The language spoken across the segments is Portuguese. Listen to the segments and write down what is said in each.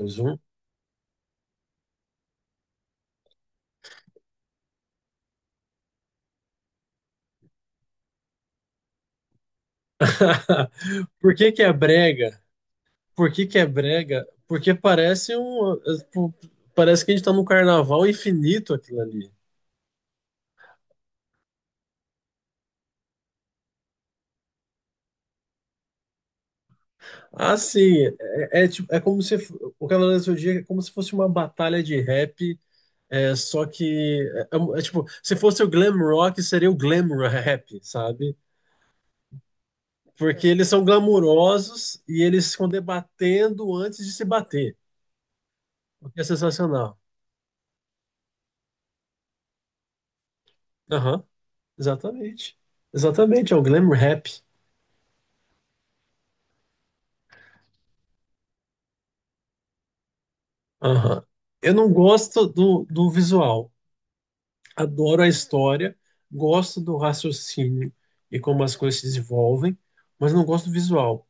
Mais um. Por que que é brega? Por que que é brega? Porque parece um, tipo, parece que a gente tá num carnaval infinito aquilo ali. Assim, é como se o Cavaleiro do Zodíaco é como se fosse uma batalha de rap, é só que se fosse o glam rock, seria o glam rap, sabe? Porque eles são glamurosos e eles ficam debatendo antes de se bater, o que é sensacional. Aham, exatamente. Exatamente, é o glam rap. Aham. Eu não gosto do visual. Adoro a história, gosto do raciocínio e como as coisas se desenvolvem, mas não gosto do visual.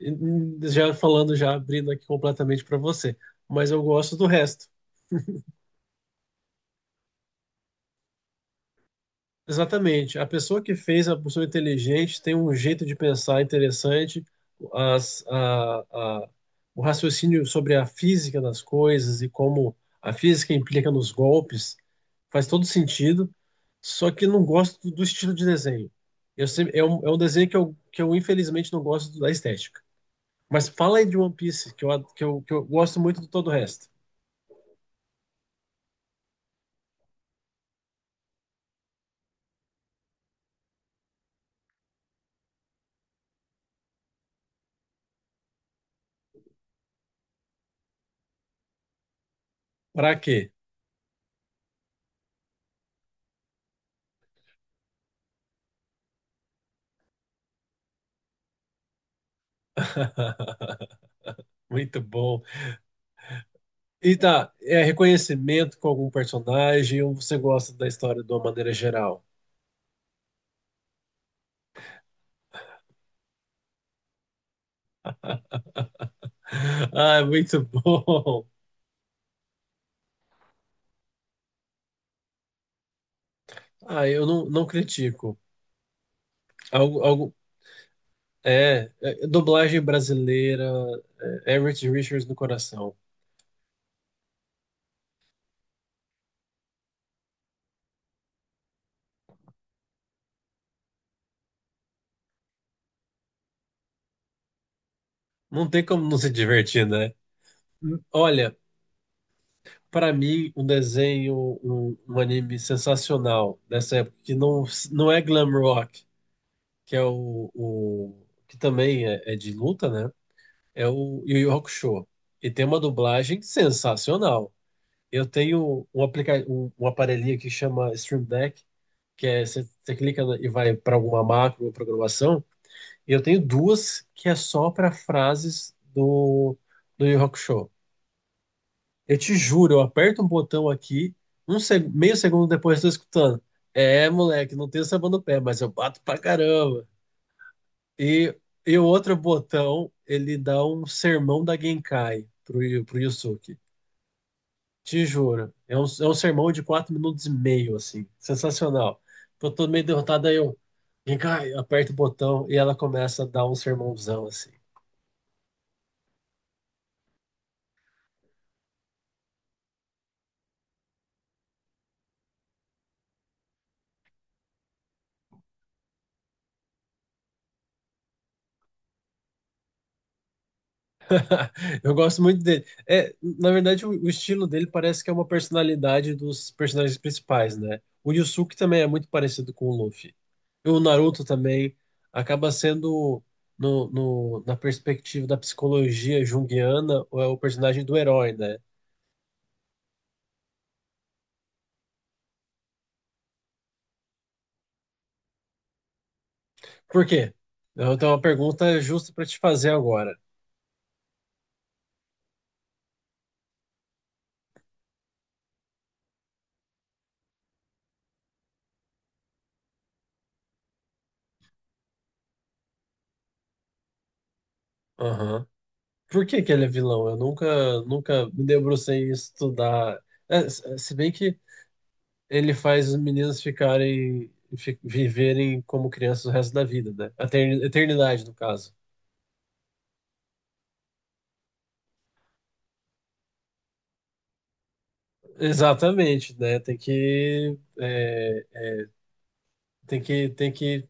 E, já falando, já abrindo aqui completamente para você, mas eu gosto do resto. Exatamente. A pessoa que fez a pessoa inteligente tem um jeito de pensar interessante, as- a- a- o raciocínio sobre a física das coisas e como a física implica nos golpes faz todo sentido, só que não gosto do estilo de desenho. É um desenho que eu infelizmente não gosto da estética. Mas fala aí de One Piece, que eu, ad- que eu gosto muito de todo o resto. Pra quê? Muito bom. E tá, é reconhecimento com algum personagem ou você gosta da história de uma maneira geral? Ah, muito bom. Ah, eu não critico. Algo, algo, dublagem brasileira, é, Everett Richards no coração. Não tem como não se divertir, né? Olha, pra mim, um desenho, um anime sensacional dessa época, que não, não é glam rock, que é o que também é, é de luta, né? É o Yu Yu Hakusho. E tem uma dublagem sensacional. Eu tenho um, aplica um, um aparelhinho que chama Stream Deck, que é você clica na- e vai para alguma macro ou programação. E eu tenho duas que é só para frases do Yu Yu Hakusho. Eu te juro, eu aperto um botão aqui, um seg- meio segundo depois eu estou escutando. É, moleque, não tenho sabão no pé, mas eu bato pra caramba. E, e o outro botão, ele dá um sermão da Genkai pro Yusuke. Te juro. É um sermão de 4 minutos e meio, assim. Sensacional. Tô todo meio derrotado, aí eu... Genkai, aperta o botão e ela começa a dar um sermãozão, assim. Eu gosto muito dele. É, na verdade, o estilo dele parece que é uma personalidade dos personagens principais, né? O Yusuke também é muito parecido com o Luffy. E o Naruto também acaba sendo, na perspectiva da psicologia junguiana, é o personagem do herói, né? Por quê? Eu tenho uma pergunta justa para te fazer agora. Aham. Por que que ele é vilão? Eu nunca me debrucei em estudar. É, se bem que ele faz os meninos ficarem viverem como crianças o resto da vida, né? Eternidade, no caso. Exatamente, né? Tem que é, tem que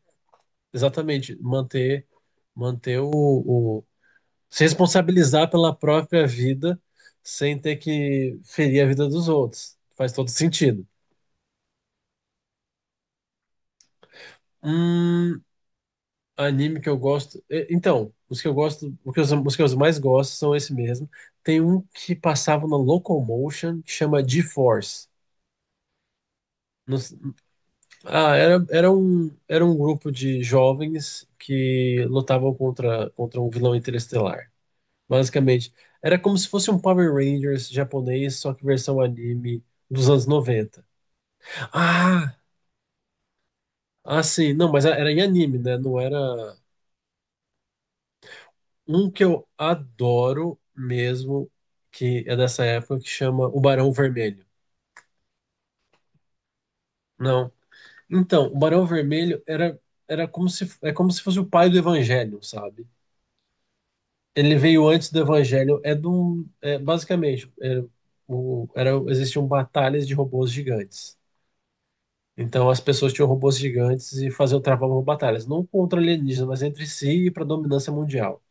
exatamente manter se responsabilizar pela própria vida sem ter que ferir a vida dos outros. Faz todo sentido. Hum, Anime que eu gosto. Então, os que eu mais gosto são esse mesmo. Tem um que passava na Locomotion que chama G-Force. Não s- ah, era um grupo de jovens que lutavam contra um vilão interestelar. Basicamente, era como se fosse um Power Rangers japonês, só que versão anime dos anos 90. Ah, ah, sim. Não, mas era em anime, né? Não era. Um que eu adoro mesmo, que é dessa época, que chama O Barão Vermelho. Não. Então, o Barão Vermelho era, era como se, é como se fosse o pai do Evangelho, sabe? Ele veio antes do Evangelho, basicamente, existiam batalhas de robôs gigantes. Então as pessoas tinham robôs gigantes e faziam travavam batalhas, não contra alienígenas, mas entre si e para dominância mundial.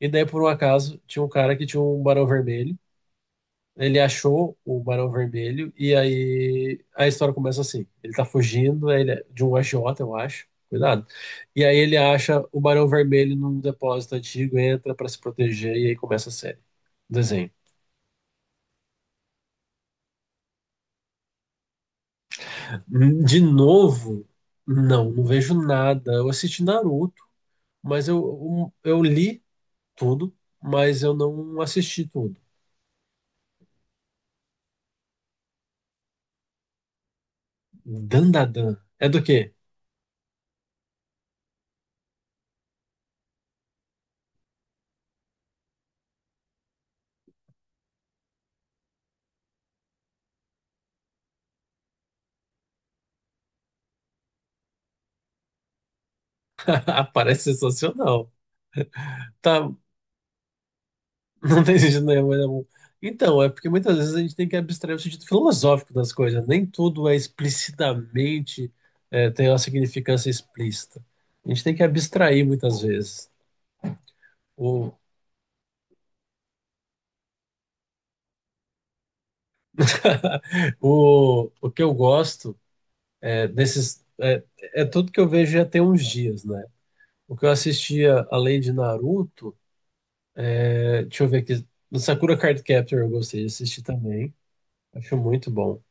E daí, por um acaso, tinha um cara que tinha um Barão Vermelho. Ele achou o Barão Vermelho e aí a história começa assim. Ele tá fugindo é de um agiota, eu acho. Cuidado. E aí ele acha o Barão Vermelho num depósito antigo, entra pra se proteger e aí começa a série. Desenho. De novo, não vejo nada. Eu assisti Naruto, eu li tudo, mas eu não assisti tudo. Dandadan. É do quê? Parece sensacional. Tá, não tem sentido nenhum, mas é bom. Então, é porque muitas vezes a gente tem que abstrair o sentido filosófico das coisas. Nem tudo é explicitamente, é, tem uma significância explícita. A gente tem que abstrair muitas vezes. O, o que eu gosto é desses. É, é tudo que eu vejo já tem uns dias, né? O que eu assistia, além de Naruto, é, deixa eu ver aqui. No Sakura Card Captor eu gostei de assistir também. Acho muito bom.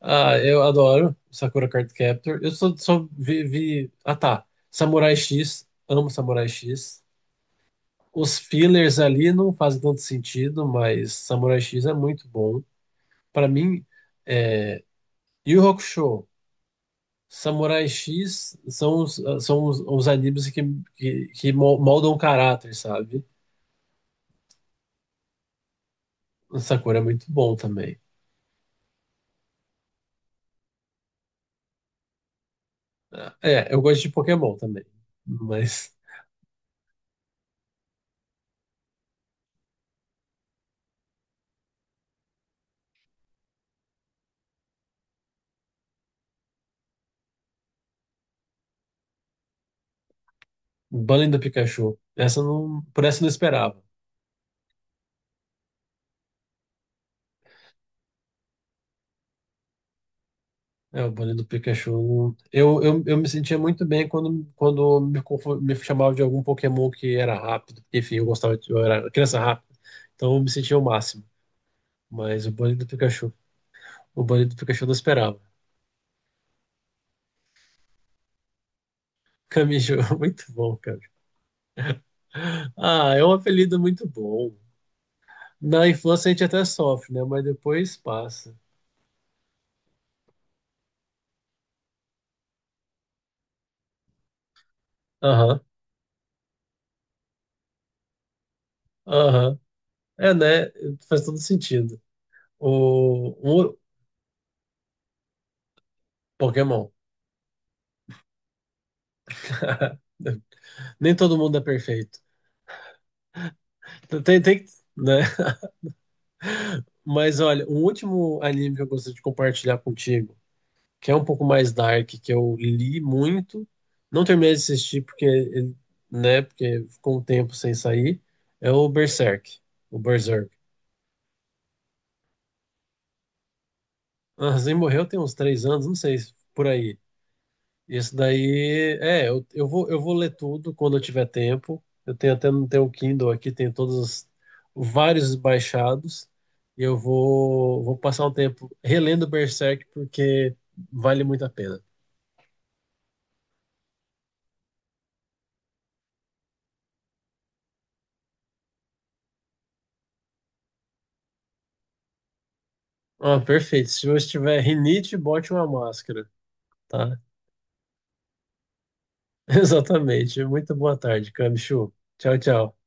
Ah, eu adoro Sakura Card Captor. Eu só vi, vi- ah, tá. Samurai X. Amo Samurai X. Os fillers ali não fazem tanto sentido, mas Samurai X é muito bom. Pra mim, Yu Yu Hakusho, Samurai X são os animes que moldam o caráter, sabe? Sakura é muito bom também. Ah, é, eu gosto de Pokémon também, mas Banning do Pikachu, essa eu não, por essa eu não esperava. É, o Bonnie do Pikachu. Eu me sentia muito bem quando me, confo- me chamava de algum Pokémon que era rápido. Enfim, eu gostava de, eu era criança rápida. Então eu me sentia o máximo. Mas o Bonnie do Pikachu. O Bonnie do Pikachu eu não esperava. Camijo, muito bom, cara. Ah, é um apelido muito bom. Na infância a gente até sofre, né? Mas depois passa. Aham, aham. É, né? Faz todo sentido. O, o Pokémon. Nem todo mundo é perfeito. Tem, tem, né? Mas olha, o último anime que eu gostaria de compartilhar contigo, que é um pouco mais dark, que eu li muito, não terminei de assistir porque, ele- né, porque ficou um tempo sem sair, é o Berserk, o Berserk. Ah, Zen morreu tem uns 3 anos, não sei, por aí. Isso daí, é, eu vou ler tudo quando eu tiver tempo. Eu tenho até no teu Kindle aqui, tem todos os- vários baixados. Vou passar um tempo relendo Berserk porque vale muito a pena. Ah, perfeito. Se você tiver rinite, bote uma máscara, tá? Exatamente. Muito boa tarde, Camichu. Tchau, tchau.